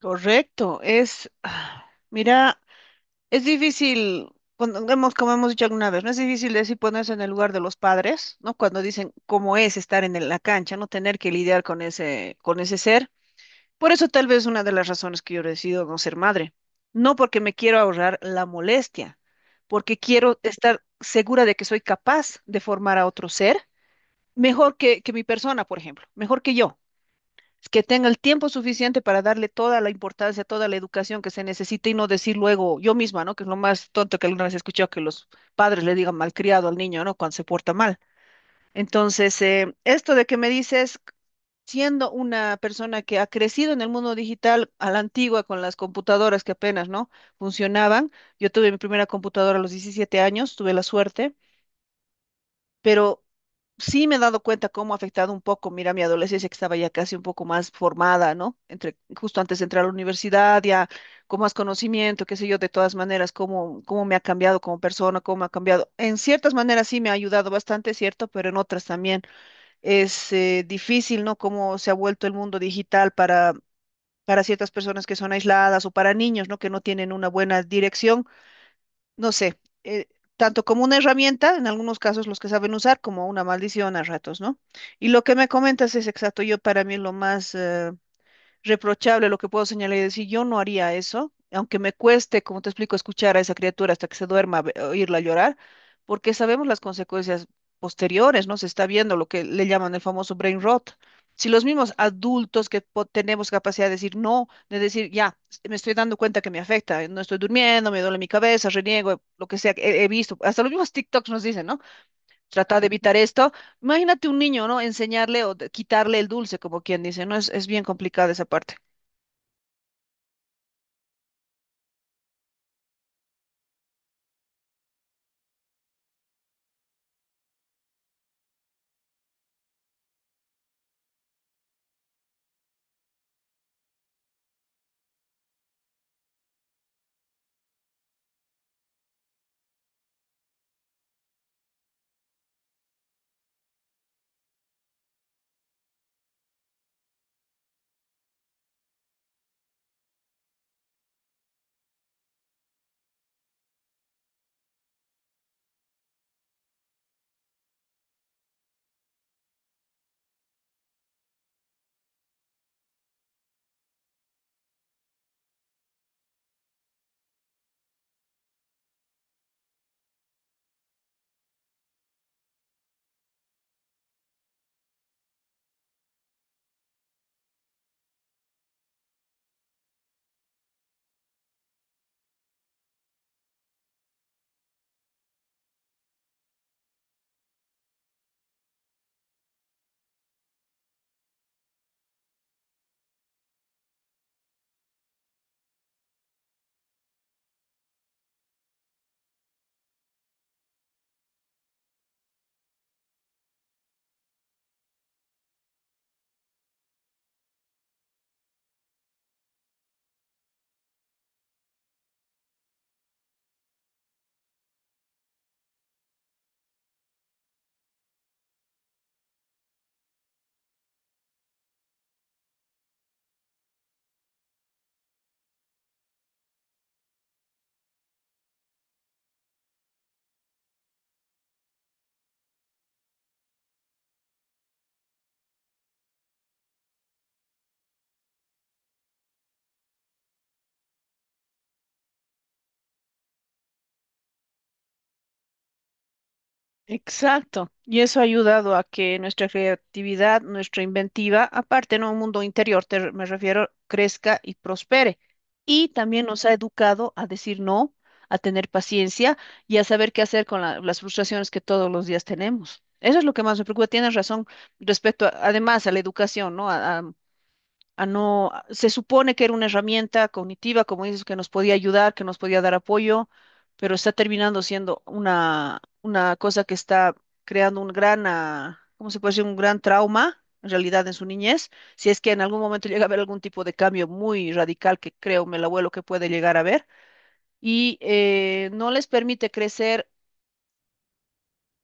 Correcto, mira, es difícil, como hemos dicho alguna vez, no es difícil decir ponerse en el lugar de los padres, ¿no? Cuando dicen cómo es estar en la cancha, no tener que lidiar con ese ser. Por eso tal vez una de las razones que yo decido no ser madre, no porque me quiero ahorrar la molestia, porque quiero estar segura de que soy capaz de formar a otro ser mejor que mi persona, por ejemplo, mejor que yo, que tenga el tiempo suficiente para darle toda la importancia, toda la educación que se necesita y no decir luego yo misma, ¿no? Que es lo más tonto que alguna vez he escuchado, que los padres le digan malcriado al niño, ¿no? Cuando se porta mal. Entonces, esto de que me dices, siendo una persona que ha crecido en el mundo digital a la antigua, con las computadoras que apenas, ¿no? Funcionaban. Yo tuve mi primera computadora a los 17 años, tuve la suerte, pero sí me he dado cuenta cómo ha afectado un poco, mira, mi adolescencia, que estaba ya casi un poco más formada, ¿no? Entre, justo antes de entrar a la universidad, ya con más conocimiento, qué sé yo, de todas maneras, cómo, me ha cambiado como persona, cómo me ha cambiado. En ciertas maneras sí me ha ayudado bastante, ¿cierto? Pero en otras también es difícil, ¿no? Cómo se ha vuelto el mundo digital para ciertas personas que son aisladas o para niños, ¿no? Que no tienen una buena dirección, no sé, eh, tanto como una herramienta, en algunos casos los que saben usar, como una maldición a ratos, ¿no? Y lo que me comentas es exacto. Yo, para mí, lo más, reprochable, lo que puedo señalar y decir, yo no haría eso, aunque me cueste, como te explico, escuchar a esa criatura hasta que se duerma, oírla llorar, porque sabemos las consecuencias posteriores, ¿no? Se está viendo lo que le llaman el famoso brain rot. Si los mismos adultos, que tenemos capacidad de decir no, de decir, ya, me estoy dando cuenta que me afecta, no estoy durmiendo, me duele mi cabeza, reniego, lo que sea, he visto, hasta los mismos TikToks nos dicen, ¿no? Trata de evitar esto. Imagínate un niño, ¿no? Enseñarle o quitarle el dulce, como quien dice, ¿no? Es bien complicada esa parte. Exacto. Y eso ha ayudado a que nuestra creatividad, nuestra inventiva, aparte, en un mundo interior, te me refiero, crezca y prospere. Y también nos ha educado a decir no, a tener paciencia y a saber qué hacer con las frustraciones que todos los días tenemos. Eso es lo que más me preocupa. Tienes razón respecto, además, a la educación, ¿no? Se supone que era una herramienta cognitiva, como dices, que nos podía ayudar, que nos podía dar apoyo, pero está terminando siendo una cosa que está creando un gran, ¿cómo se puede decir? Un gran trauma, en realidad, en su niñez, si es que en algún momento llega a haber algún tipo de cambio muy radical, que creo el abuelo que puede llegar a ver, y no les permite crecer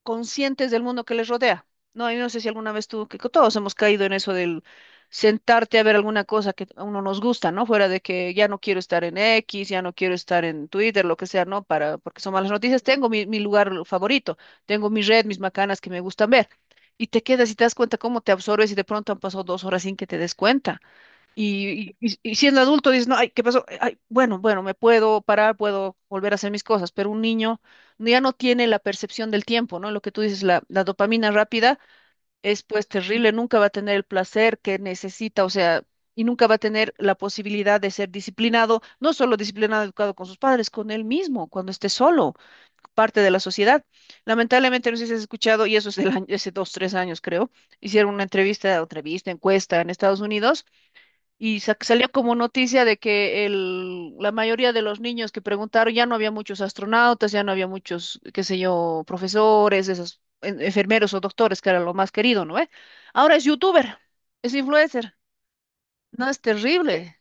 conscientes del mundo que les rodea. No, yo no sé si alguna vez tú, que todos hemos caído en eso del sentarte a ver alguna cosa que a uno nos gusta, ¿no? Fuera de que ya no quiero estar en X, ya no quiero estar en Twitter, lo que sea, ¿no? Porque son malas noticias. Tengo mi lugar favorito, tengo mi red, mis macanas que me gustan ver. Y te quedas y te das cuenta cómo te absorbes y de pronto han pasado 2 horas sin que te des cuenta. Y siendo adulto dices, no, ay, ¿qué pasó? Ay, bueno, bueno, me puedo parar, puedo volver a hacer mis cosas, pero un niño ya no tiene la percepción del tiempo, ¿no? Lo que tú dices, la dopamina rápida es pues terrible, nunca va a tener el placer que necesita, o sea, y nunca va a tener la posibilidad de ser disciplinado, no solo disciplinado, educado, con sus padres, con él mismo, cuando esté solo, parte de la sociedad. Lamentablemente, no sé si has escuchado, y eso es del año, hace 2, 3 años creo, hicieron una encuesta en Estados Unidos y salió como noticia de que la mayoría de los niños que preguntaron, ya no había muchos astronautas, ya no había muchos, qué sé yo, profesores, esos enfermeros o doctores, que era lo más querido, ¿no? Ahora es youtuber, es influencer. No, es terrible.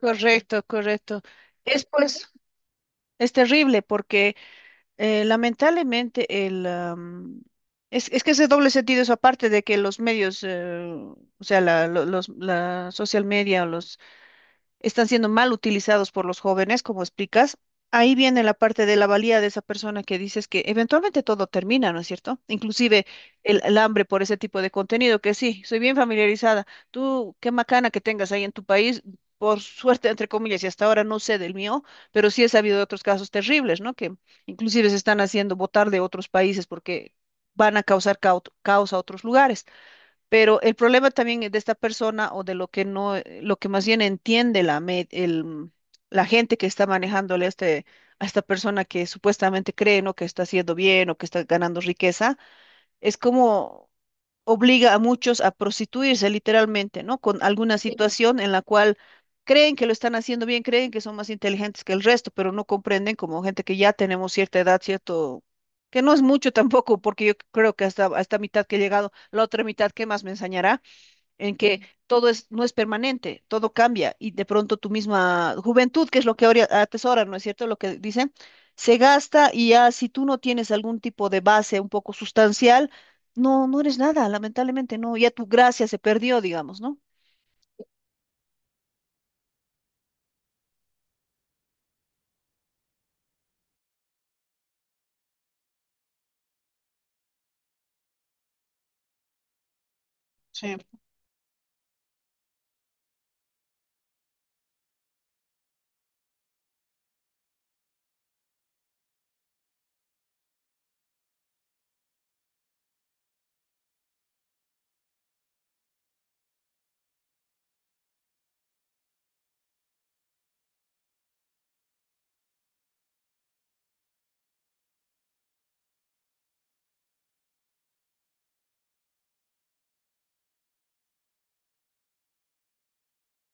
Correcto, correcto. Es pues, es terrible porque lamentablemente es que ese doble sentido, eso, aparte de que los medios, o sea, la social media, o los están siendo mal utilizados por los jóvenes, como explicas. Ahí viene la parte de la valía de esa persona, que dices que eventualmente todo termina, ¿no es cierto? Inclusive el hambre por ese tipo de contenido, que sí, soy bien familiarizada. Tú, qué macana que tengas ahí en tu país, por suerte, entre comillas, y hasta ahora no sé del mío, pero sí he sabido de otros casos terribles, ¿no? Que inclusive se están haciendo votar de otros países porque van a causar caos a otros lugares. Pero el problema también es de esta persona, o de lo que no, lo que más bien entiende la gente que está manejándole a, este, a esta persona, que supuestamente cree, ¿no? Que está haciendo bien, o que está ganando riqueza, es como obliga a muchos a prostituirse literalmente, ¿no? Con alguna, sí, situación en la cual creen que lo están haciendo bien, creen que son más inteligentes que el resto, pero no comprenden como gente que ya tenemos cierta edad, cierto, que no es mucho tampoco, porque yo creo que hasta mitad que he llegado, la otra mitad, ¿qué más me enseñará? En que todo es, no es permanente, todo cambia, y de pronto tu misma juventud, que es lo que ahora atesoran, ¿no es cierto? Lo que dicen, se gasta, y ya, si tú no tienes algún tipo de base un poco sustancial, no, no eres nada, lamentablemente no, ya tu gracia se perdió, digamos, ¿no? Sí.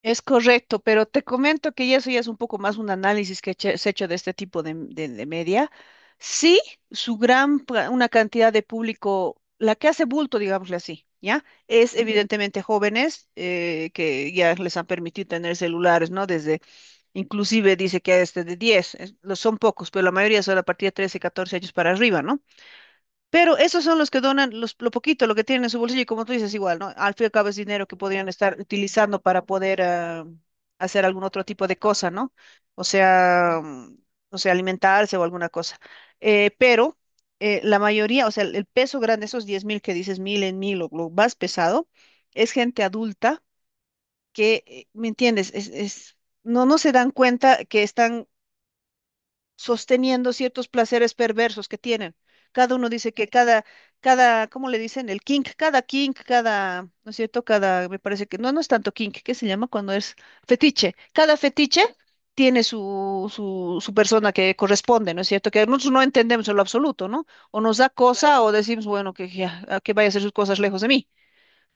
Es correcto, pero te comento que ya eso ya es un poco más un análisis que se ha hecho de este tipo de media. Sí, su gran, una cantidad de público, la que hace bulto, digámosle así, ¿ya? Es, ujú, evidentemente jóvenes, que ya les han permitido tener celulares, ¿no? Inclusive dice que desde de 10, lo son pocos, pero la mayoría son a partir de 13, 14 años para arriba, ¿no? Pero esos son los que donan lo poquito, lo que tienen en su bolsillo, y como tú dices, igual, ¿no? Al fin y al cabo es dinero que podrían estar utilizando para poder hacer algún otro tipo de cosa, ¿no? O sea, mm, o sea, alimentarse o alguna cosa. Pero la mayoría, o sea, el peso grande, esos 10.000 que dices, mil en mil, o lo más pesado, es gente adulta que, ¿me entiendes? No, no se dan cuenta que están sosteniendo ciertos placeres perversos que tienen. Cada uno dice que cada, ¿cómo le dicen? El kink, cada, ¿no es cierto? Cada, me parece que, no, no es tanto kink, ¿qué se llama cuando es fetiche? Cada fetiche tiene su persona que corresponde, ¿no es cierto? Que nosotros no entendemos en lo absoluto, ¿no? O nos da cosa, o decimos, bueno, que, ya, que vaya a hacer sus cosas lejos de mí,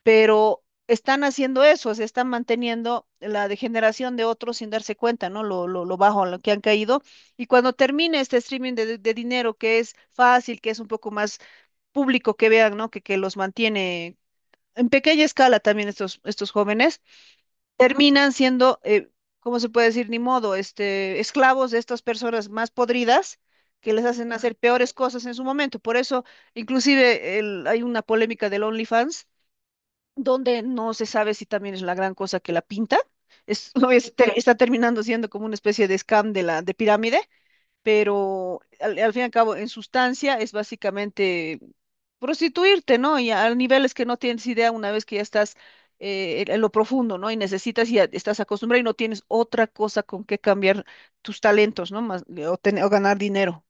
pero están haciendo eso, se están manteniendo la degeneración de otros sin darse cuenta, ¿no? Lo bajo a lo que han caído. Y cuando termine este streaming de dinero, que es fácil, que es un poco más público que vean, ¿no? Que los mantiene en pequeña escala también estos jóvenes, terminan siendo, ¿cómo se puede decir? Ni modo, este, esclavos de estas personas más podridas, que les hacen hacer peores cosas en su momento. Por eso, inclusive, hay una polémica del OnlyFans, donde no se sabe si también es la gran cosa que la pinta. Es, no es, está terminando siendo como una especie de scam de pirámide, pero al fin y al cabo, en sustancia, es básicamente prostituirte, ¿no? Y a, niveles que no tienes idea, una vez que ya estás en lo profundo, ¿no? Y necesitas, y ya estás acostumbrado, y no tienes otra cosa con que cambiar tus talentos, ¿no? Más, o ganar dinero.